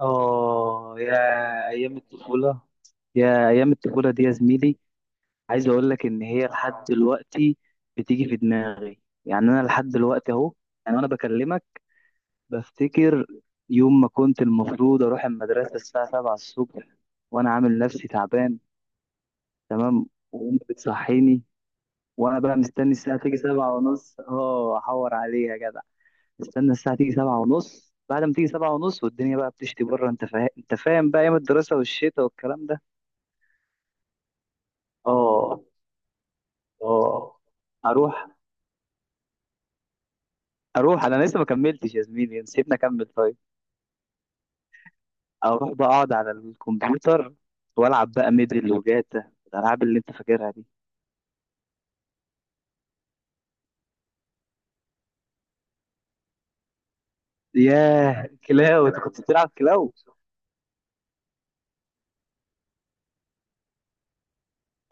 اه يا ايام الطفوله، يا ايام الطفوله دي يا زميلي. عايز اقول لك ان هي لحد دلوقتي بتيجي في دماغي، يعني انا لحد دلوقتي اهو، يعني وانا بكلمك بفتكر يوم ما كنت المفروض اروح المدرسه الساعه 7 الصبح وانا عامل نفسي تعبان. تمام. وامي بتصحيني وانا بقى مستني الساعه تيجي 7 ونص. اه، احور عليها يا جدع. استنى الساعه تيجي 7 ونص، بعد ما تيجي 7 ونص والدنيا بقى بتشتي بره. انت فاهم بقى ايام الدراسه والشتاء والكلام ده. اه. اه. اروح اروح، انا لسه ما كملتش يا زميلي، سيبنا اكمل طيب. اروح بقى اقعد على الكمبيوتر والعب بقى ميدل وجاتا، الالعاب اللي انت فاكرها دي. ياه، كلاو؟ انت انا كنت بتلعب كلاو.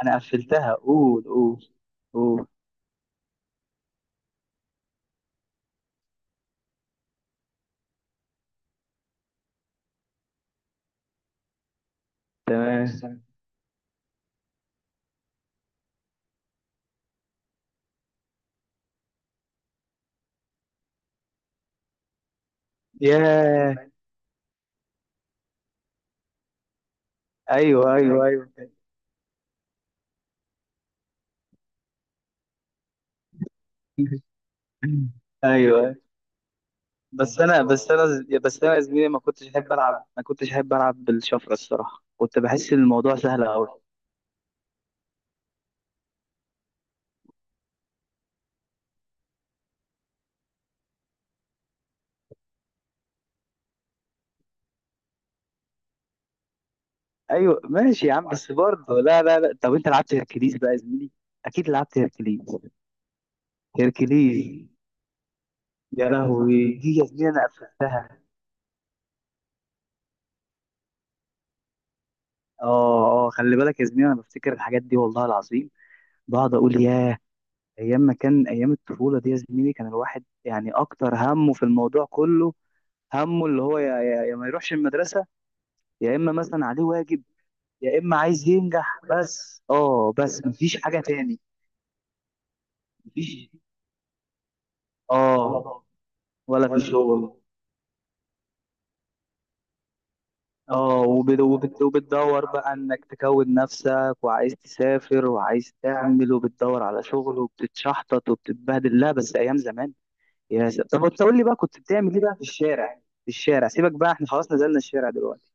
انا قفلتها. قول، قول، قول. تمام. ياه. ايوه، ايوه، ايوه. ايوه. بس انا بس انا بس انا يا زميلي، ما كنتش احب العب بالشفره. الصراحه كنت بحس ان الموضوع سهل قوي. ايوه ماشي يا عم. بس برضه لا، لا، لا. طب انت لعبت هيركليز بقى يا زميلي؟ اكيد لعبت هيركليز. هيركليز، يا لهوي، دي يا زميلي انا قفلتها. اه، اه، خلي بالك يا زميلي، انا بفتكر الحاجات دي والله العظيم. بقعد اقول ياه. ايام ما كان، ايام الطفوله دي يا زميلي، كان الواحد يعني اكتر همه في الموضوع كله، همه اللي هو يا ما يروحش المدرسه، يا اما مثلا عليه واجب، يا اما عايز ينجح. بس بس مفيش حاجه تاني. مفيش. اه. ولا في شغل. اه، وبتدور بقى انك تكون نفسك، وعايز تسافر وعايز تعمل وبتدور على شغل وبتتشحطط وبتتبهدل. لا، بس ايام زمان. طب انت قول لي بقى، كنت بتعمل ايه بقى في الشارع؟ في الشارع سيبك بقى، احنا خلاص نزلنا الشارع دلوقتي.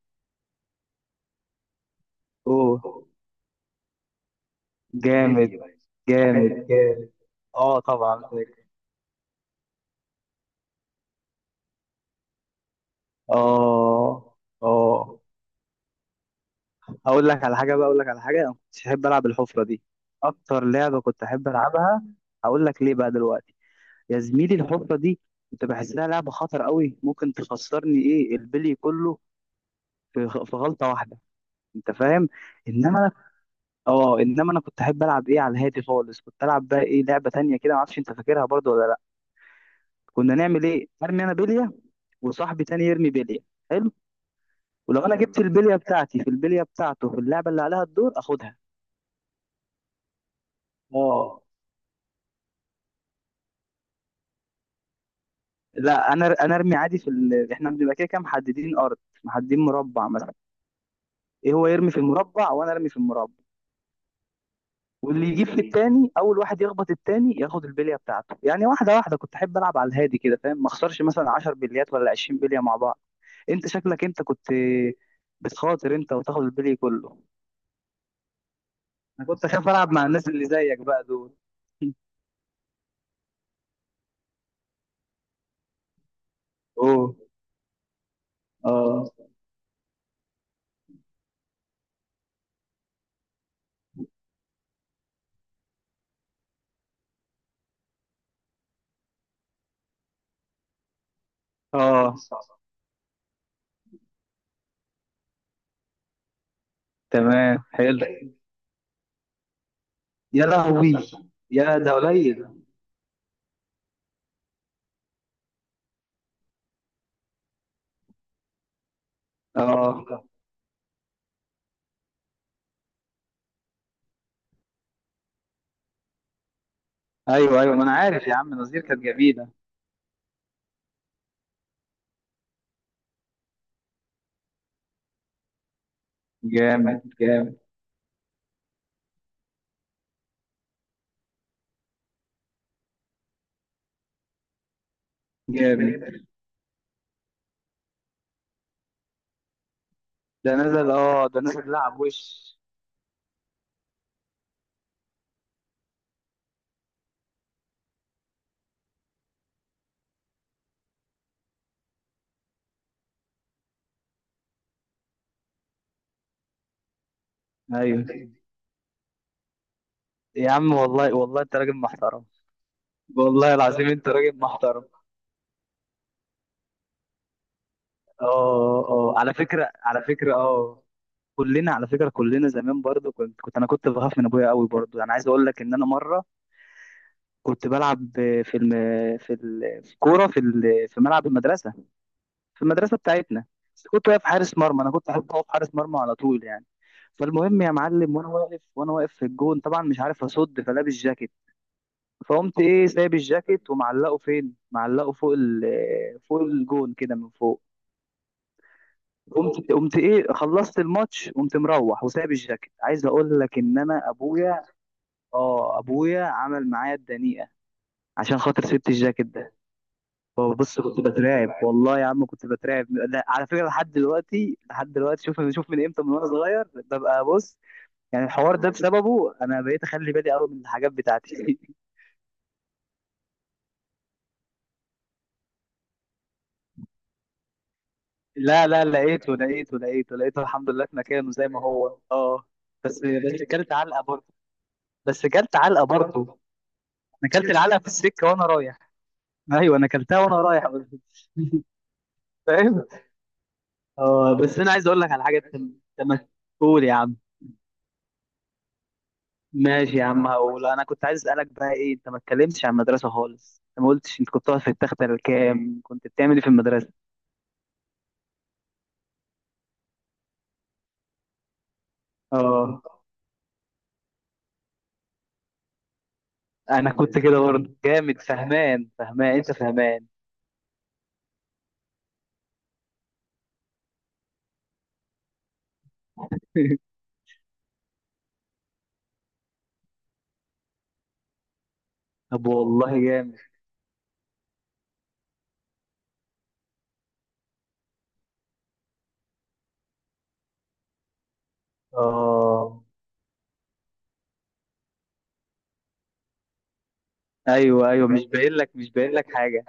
اوه. جامد، جامد، جامد. اه طبعا فاكر. اه. اه. اقول لك على حاجه بقى اقول لك على حاجه، انا ما كنتش احب العب الحفره دي. اكتر لعبه كنت احب العبها، هقول لك ليه بقى دلوقتي. يا زميلي الحفرة دي انت بحسها لعبة خطر قوي، ممكن تخسرني ايه البلي كله في غلطة واحدة. انت فاهم؟ انما انا، اه انما انا كنت احب العب ايه على الهادي خالص. كنت العب بقى ايه لعبة تانية كده، معرفش انت فاكرها برضو ولا لا. كنا نعمل ايه، ارمي انا بلية وصاحبي تاني يرمي بلية. حلو. ولو انا جبت البلية بتاعتي في البلية بتاعته، في اللعبة اللي عليها الدور، اخدها. اه. لا، انا ارمي عادي في احنا بنبقى كده كده محددين ارض، محددين مربع مثلا. ايه هو يرمي في المربع وانا ارمي في المربع، واللي يجيب في التاني اول واحد يخبط التاني، ياخد البليه بتاعته يعني. واحده واحده كنت احب العب، على الهادي كده، فاهم؟ ما اخسرش مثلا 10 بليات ولا 20 بليه مع بعض. انت شكلك انت كنت بتخاطر انت وتاخد البلي كله. انا كنت اخاف العب مع الناس اللي زيك بقى دول. اوه. اه. اه. تمام. حلو. يا لهوي. يا ده قليل. اه. ايوه، ايوه، ما انا عارف يا عم، نظير كانت جميله. جامد، جامد، جامد. ده نزل، اه، ده نزل لعب وش. ايوه يا عم والله والله انت راجل محترم. والله العظيم انت راجل محترم. اه، اه، على فكره، على فكره، اه، كلنا على فكره، كلنا زمان برضو كنت انا كنت بخاف من ابويا قوي برضو. انا عايز اقول لك ان انا مره كنت بلعب في الم... في ال... في كوره في ال... في ملعب المدرسه، في المدرسه بتاعتنا. بس كنت واقف حارس مرمى، انا كنت احب اقف حارس مرمى على طول يعني. فالمهم يا معلم، وانا واقف في الجون طبعا مش عارف اصد، فلابس جاكيت. فقمت ايه سايب الجاكيت ومعلقه، فين معلقه؟ فوق فوق الجون كده من فوق. قمت ايه خلصت الماتش. قمت مروح وسايب الجاكيت، عايز اقول لك ان انا ابويا، اه ابويا عمل معايا الدنيئه عشان خاطر سبت الجاكيت ده. بص، كنت بترعب والله يا عم كنت بترعب. لا، على فكره، لحد دلوقتي لحد دلوقتي. شوف، شوف، من امتى، من وانا صغير ببقى، بص، يعني الحوار ده بسببه انا بقيت اخلي بالي قوي من الحاجات بتاعتي. لا، لا، لقيته، لقيته، لقيته، لقيته، الحمد لله في مكانه زي ما هو. اه. بس، كلت علقه برضه. بس كلت علقه برضه. انا كلت العلقه في السكه وانا رايح. ايوه انا كلتها وانا رايح. فاهم؟ اه بس انا عايز اقول لك على حاجه. قول يا عم. ماشي يا عم، هقول. انا كنت عايز اسالك بقى ايه، انت ما اتكلمتش عن المدرسه خالص. انت ما قلتش انت كنت واقف في التخته الكام، كنت بتعمل ايه في المدرسه. اه انا كنت كده برضه جامد، فهمان انت فهمان. طب والله جامد. اه. ايوه، ايوه، مش باين لك حاجه.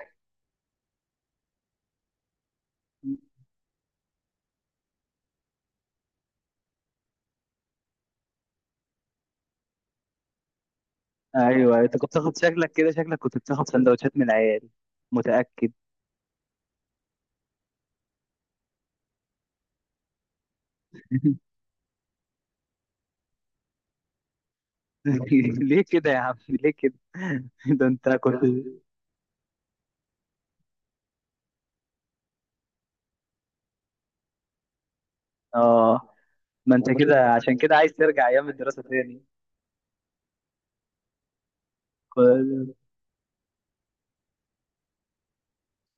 ايوه انت كنت بتاخد شكلك كده، شكلك كنت بتاخد سندوتشات من العيال؟ متاكد؟ ليه كده يا عم، ليه كده. ده انت كنت، اه ما انت كده، عشان كده عايز ترجع ايام الدراسه تاني؟ كويس.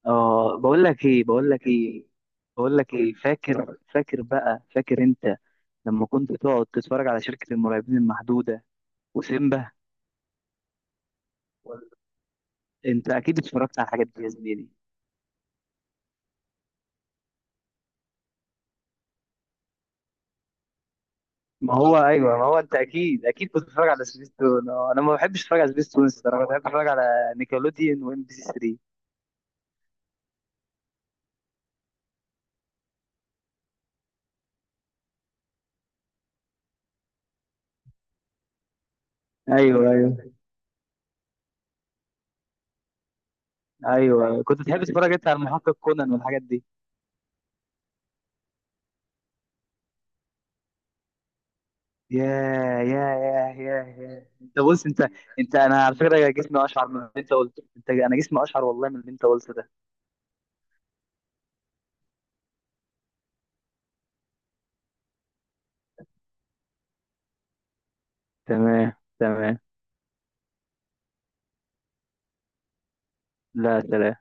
اه، بقول لك ايه بقول لك ايه، فاكر بقى، فاكر انت لما كنت تقعد تتفرج على شركه المرعبين المحدوده وسيمبا؟ انت اكيد اتفرجت على الحاجات دي يا زميلي. ما هو ايوه، ما هو انت اكيد، كنت بتتفرج على سبيستون. آه، انا ما بحبش اتفرج على سبيستون الصراحه، بحب اتفرج على نيكلوديون وام بي سي 3. ايوه، ايوه، ايوه. كنت بتحب تتفرج انت على محقق كونان والحاجات دي. يا يا يا انت، بص، انت، انت، انا على فكره جسمي اشعر من اللي انت قلته. انت، انا جسمي اشعر والله من اللي انت قلته ده. تمام. تمام. لا، سلام.